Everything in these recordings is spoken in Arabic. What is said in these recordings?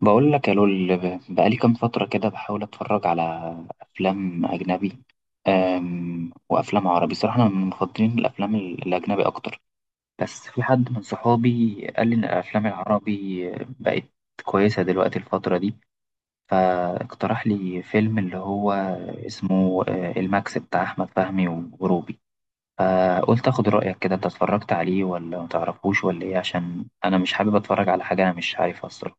بقول لك يا لول بقالي كام فترة كده بحاول أتفرج على أفلام أجنبي وأفلام عربي. صراحة أنا من مفضلين الأفلام الأجنبي أكتر، بس في حد من صحابي قال لي إن الأفلام العربي بقت كويسة دلوقتي الفترة دي، فاقترح لي فيلم اللي هو اسمه الماكس بتاع أحمد فهمي وروبي. فقلت أخد رأيك كده، أنت اتفرجت عليه ولا متعرفوش ولا إيه؟ عشان أنا مش حابب أتفرج على حاجة أنا مش عارفها الصراحة.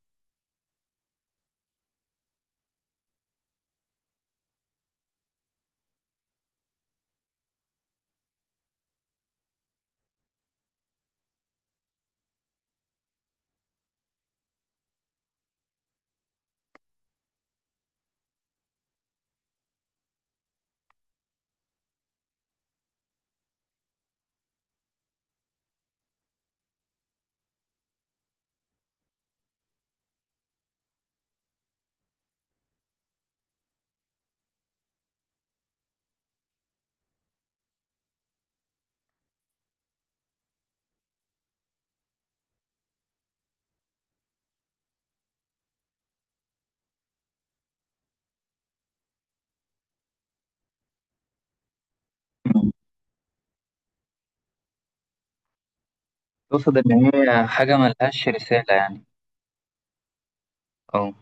تقصد إن هي حاجة ملهاش رسالة يعني؟ أه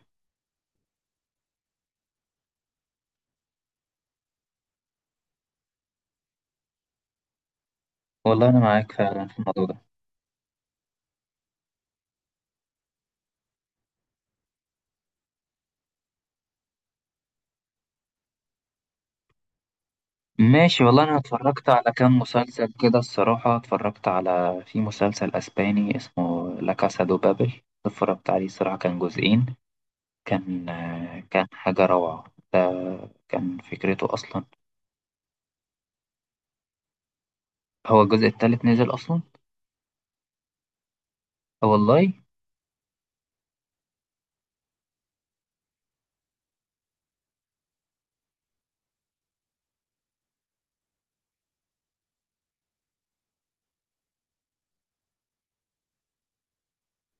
والله أنا معاك فعلا في الموضوع ده. ماشي، والله أنا اتفرجت على كام مسلسل كده الصراحة. اتفرجت على، في مسلسل أسباني اسمه لا كاسا دو بابل. اتفرجت عليه الصراحة، كان جزئين. كان حاجة روعة. ده كان فكرته أصلا. هو الجزء التالت نزل أصلا؟ أه والله.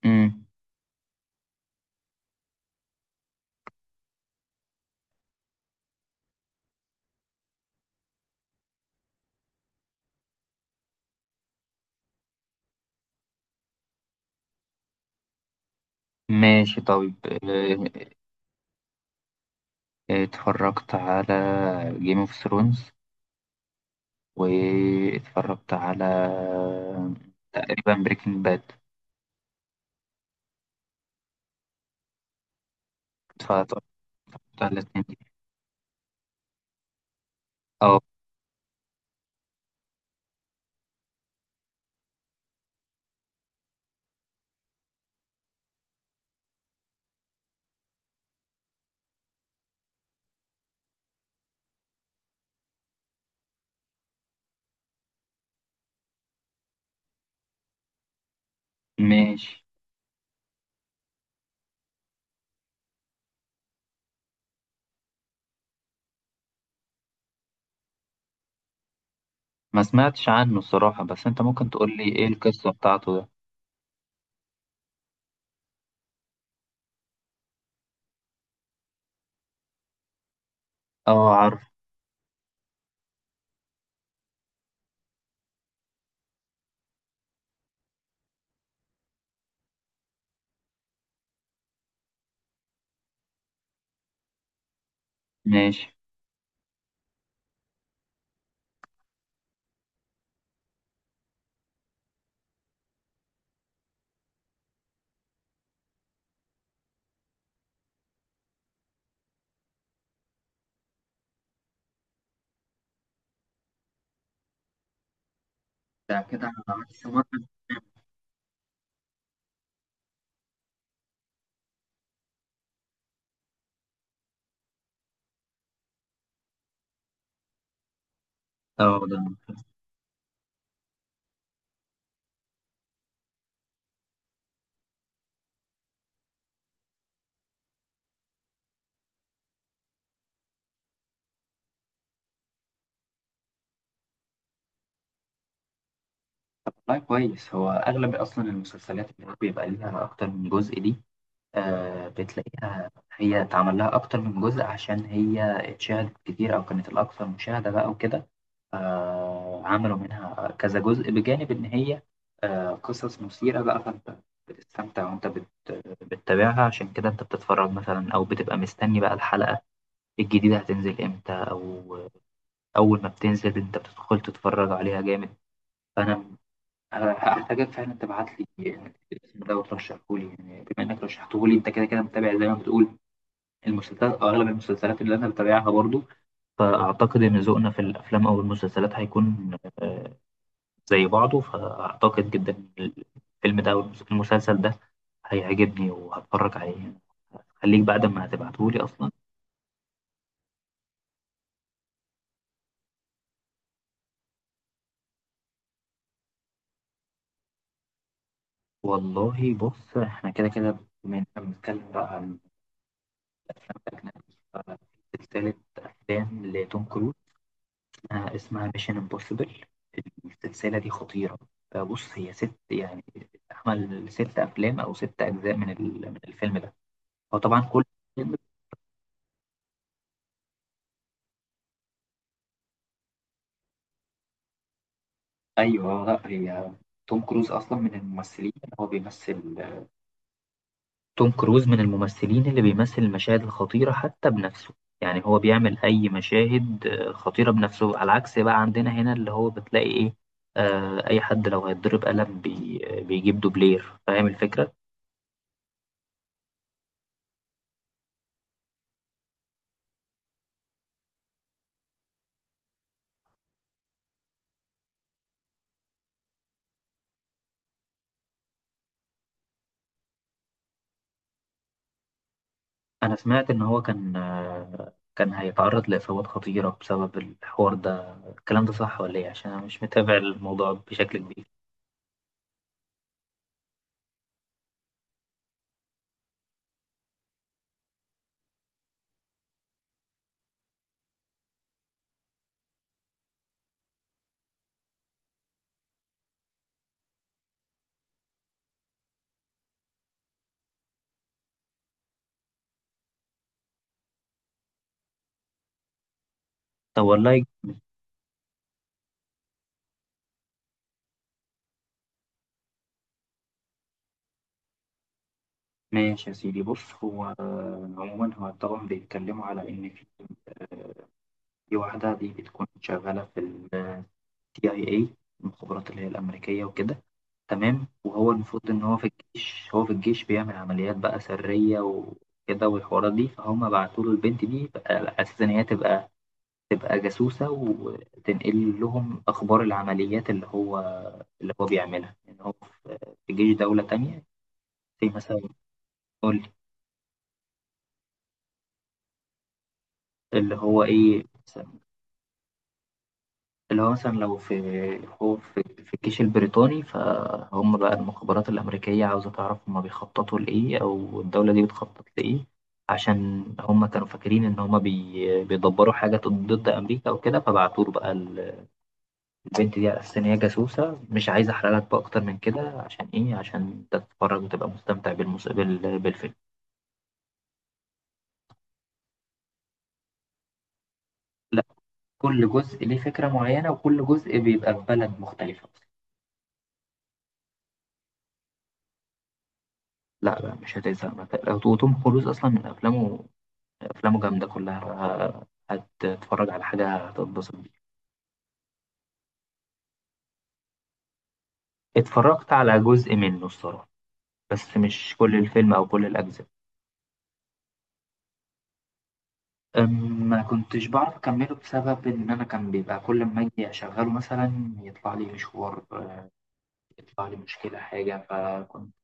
مم. ماشي طيب. اتفرجت على جيم اوف ثرونز، واتفرجت على تقريبا بريكنج باد. اتفرجت على الاتنين دي. اه. ماشي. ما سمعتش عنه الصراحة، بس انت ممكن تقول لي ايه القصة بتاعته ده؟ اه عارف. ماشي. ده كده على ماكس مارفل؟ اه ده. طب والله كويس. هو اغلب اصلا المسلسلات اللي بيبقى ليها اكتر من جزء دي، بتلاقيها هي اتعمل لها اكتر من جزء عشان هي اتشاهدت كتير او كانت الاكثر مشاهدة بقى وكده. عملوا منها كذا جزء، بجانب إن هي قصص مثيرة بقى، فأنت بتستمتع وأنت بتتابعها. عشان كده أنت بتتفرج مثلا، أو بتبقى مستني بقى الحلقة الجديدة هتنزل إمتى، أو أول ما بتنزل أنت بتدخل تتفرج عليها جامد. فأنا هحتاجك فعلا تبعت لي الاسم ده وترشحه لي، يعني بما إنك رشحته لي أنت كده كده متابع زي ما بتقول المسلسلات أو أغلب المسلسلات اللي أنا بتابعها برضو. فأعتقد إن ذوقنا في الأفلام أو المسلسلات هيكون زي بعضه، فأعتقد جدا إن الفيلم ده أو المسلسل ده هيعجبني وهتفرج عليه. خليك بعد ما هتبعتهولي أصلا. والله بص، إحنا كده كده بما إننا بنتكلم بقى عن الأفلام الأجنبي، ففي سلسلة أفلام لتوم كروز اسمها ميشن امبوسيبل. السلسلة دي خطيرة. فبص، هي 6، يعني عمل 6 أفلام أو 6 أجزاء من الفيلم ده. هو طبعا كل. ايوه، لا، هي توم كروز اصلا من الممثلين، هو بيمثل. توم كروز من الممثلين اللي بيمثل المشاهد الخطيره حتى بنفسه. يعني هو بيعمل اي مشاهد خطيره بنفسه، على عكس بقى عندنا هنا اللي هو بتلاقي ايه. اي حد لو هيتضرب قلم بي، بيجيب دوبلير فاهم الفكره. انا سمعت ان هو كان هيتعرض لاصابات خطيره بسبب الحوار ده. الكلام ده صح ولا ايه؟ عشان انا مش متابع الموضوع بشكل كبير. طب والله. ماشي يا سيدي. بص، هو، عموما هو طبعا بيتكلموا على ان في واحده دي بتكون شغاله في السي اي إيه، المخابرات اللي هي الامريكيه وكده. تمام، وهو المفروض ان هو في الجيش، هو في الجيش بيعمل عمليات بقى سريه وكده والحوارات دي. فهم بعتوا له البنت دي بقى على اساس ان هي تبقى، جاسوسه، وتنقل لهم اخبار العمليات اللي هو، بيعملها، ان هو في جيش دوله تانية. زي مثلا، قول، اللي هو ايه، اللي هو مثلا لو في، هو في الجيش البريطاني، فهم بقى المخابرات الأمريكية عاوزة تعرف هم بيخططوا لإيه أو الدولة دي بتخطط لإيه، عشان هم كانوا فاكرين إن هم بيدبروا حاجة ضد أمريكا أو كده، فبعتوا له بقى البنت دي على أساس إن هي جاسوسة. مش عايز أحرق لك بقى أكتر من كده، عشان إيه؟ عشان تتفرج وتبقى مستمتع بالفيلم. لا، كل جزء ليه فكرة معينة وكل جزء بيبقى في بلد مختلفة. لا لا، مش هتزهق. ما ت- وتوم كروز أصلا من أفلامه، أفلامه جامدة كلها، هتتفرج على حاجة هتتبسط بيها. اتفرجت على جزء منه الصراحة، بس مش كل الفيلم أو كل الأجزاء. ما كنتش بعرف أكمله بسبب إن أنا كان بيبقى كل ما أجي أشغله مثلا يطلع لي مشوار، يطلع لي مشكلة، حاجة، فكنت.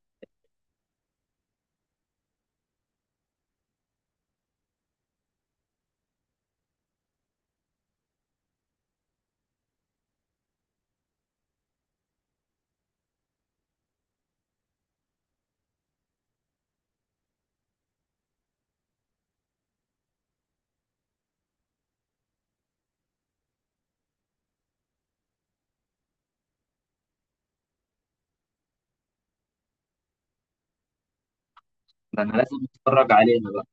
أنا لازم أتفرج عليه أنا بقى.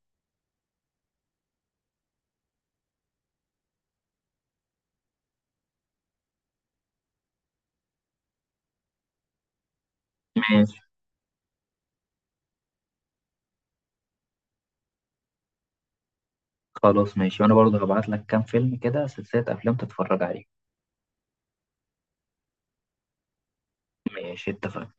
ماشي. خلاص ماشي، وأنا برضه هبعت لك كام فيلم كده، سلسلة أفلام تتفرج عليها. ماشي اتفقنا.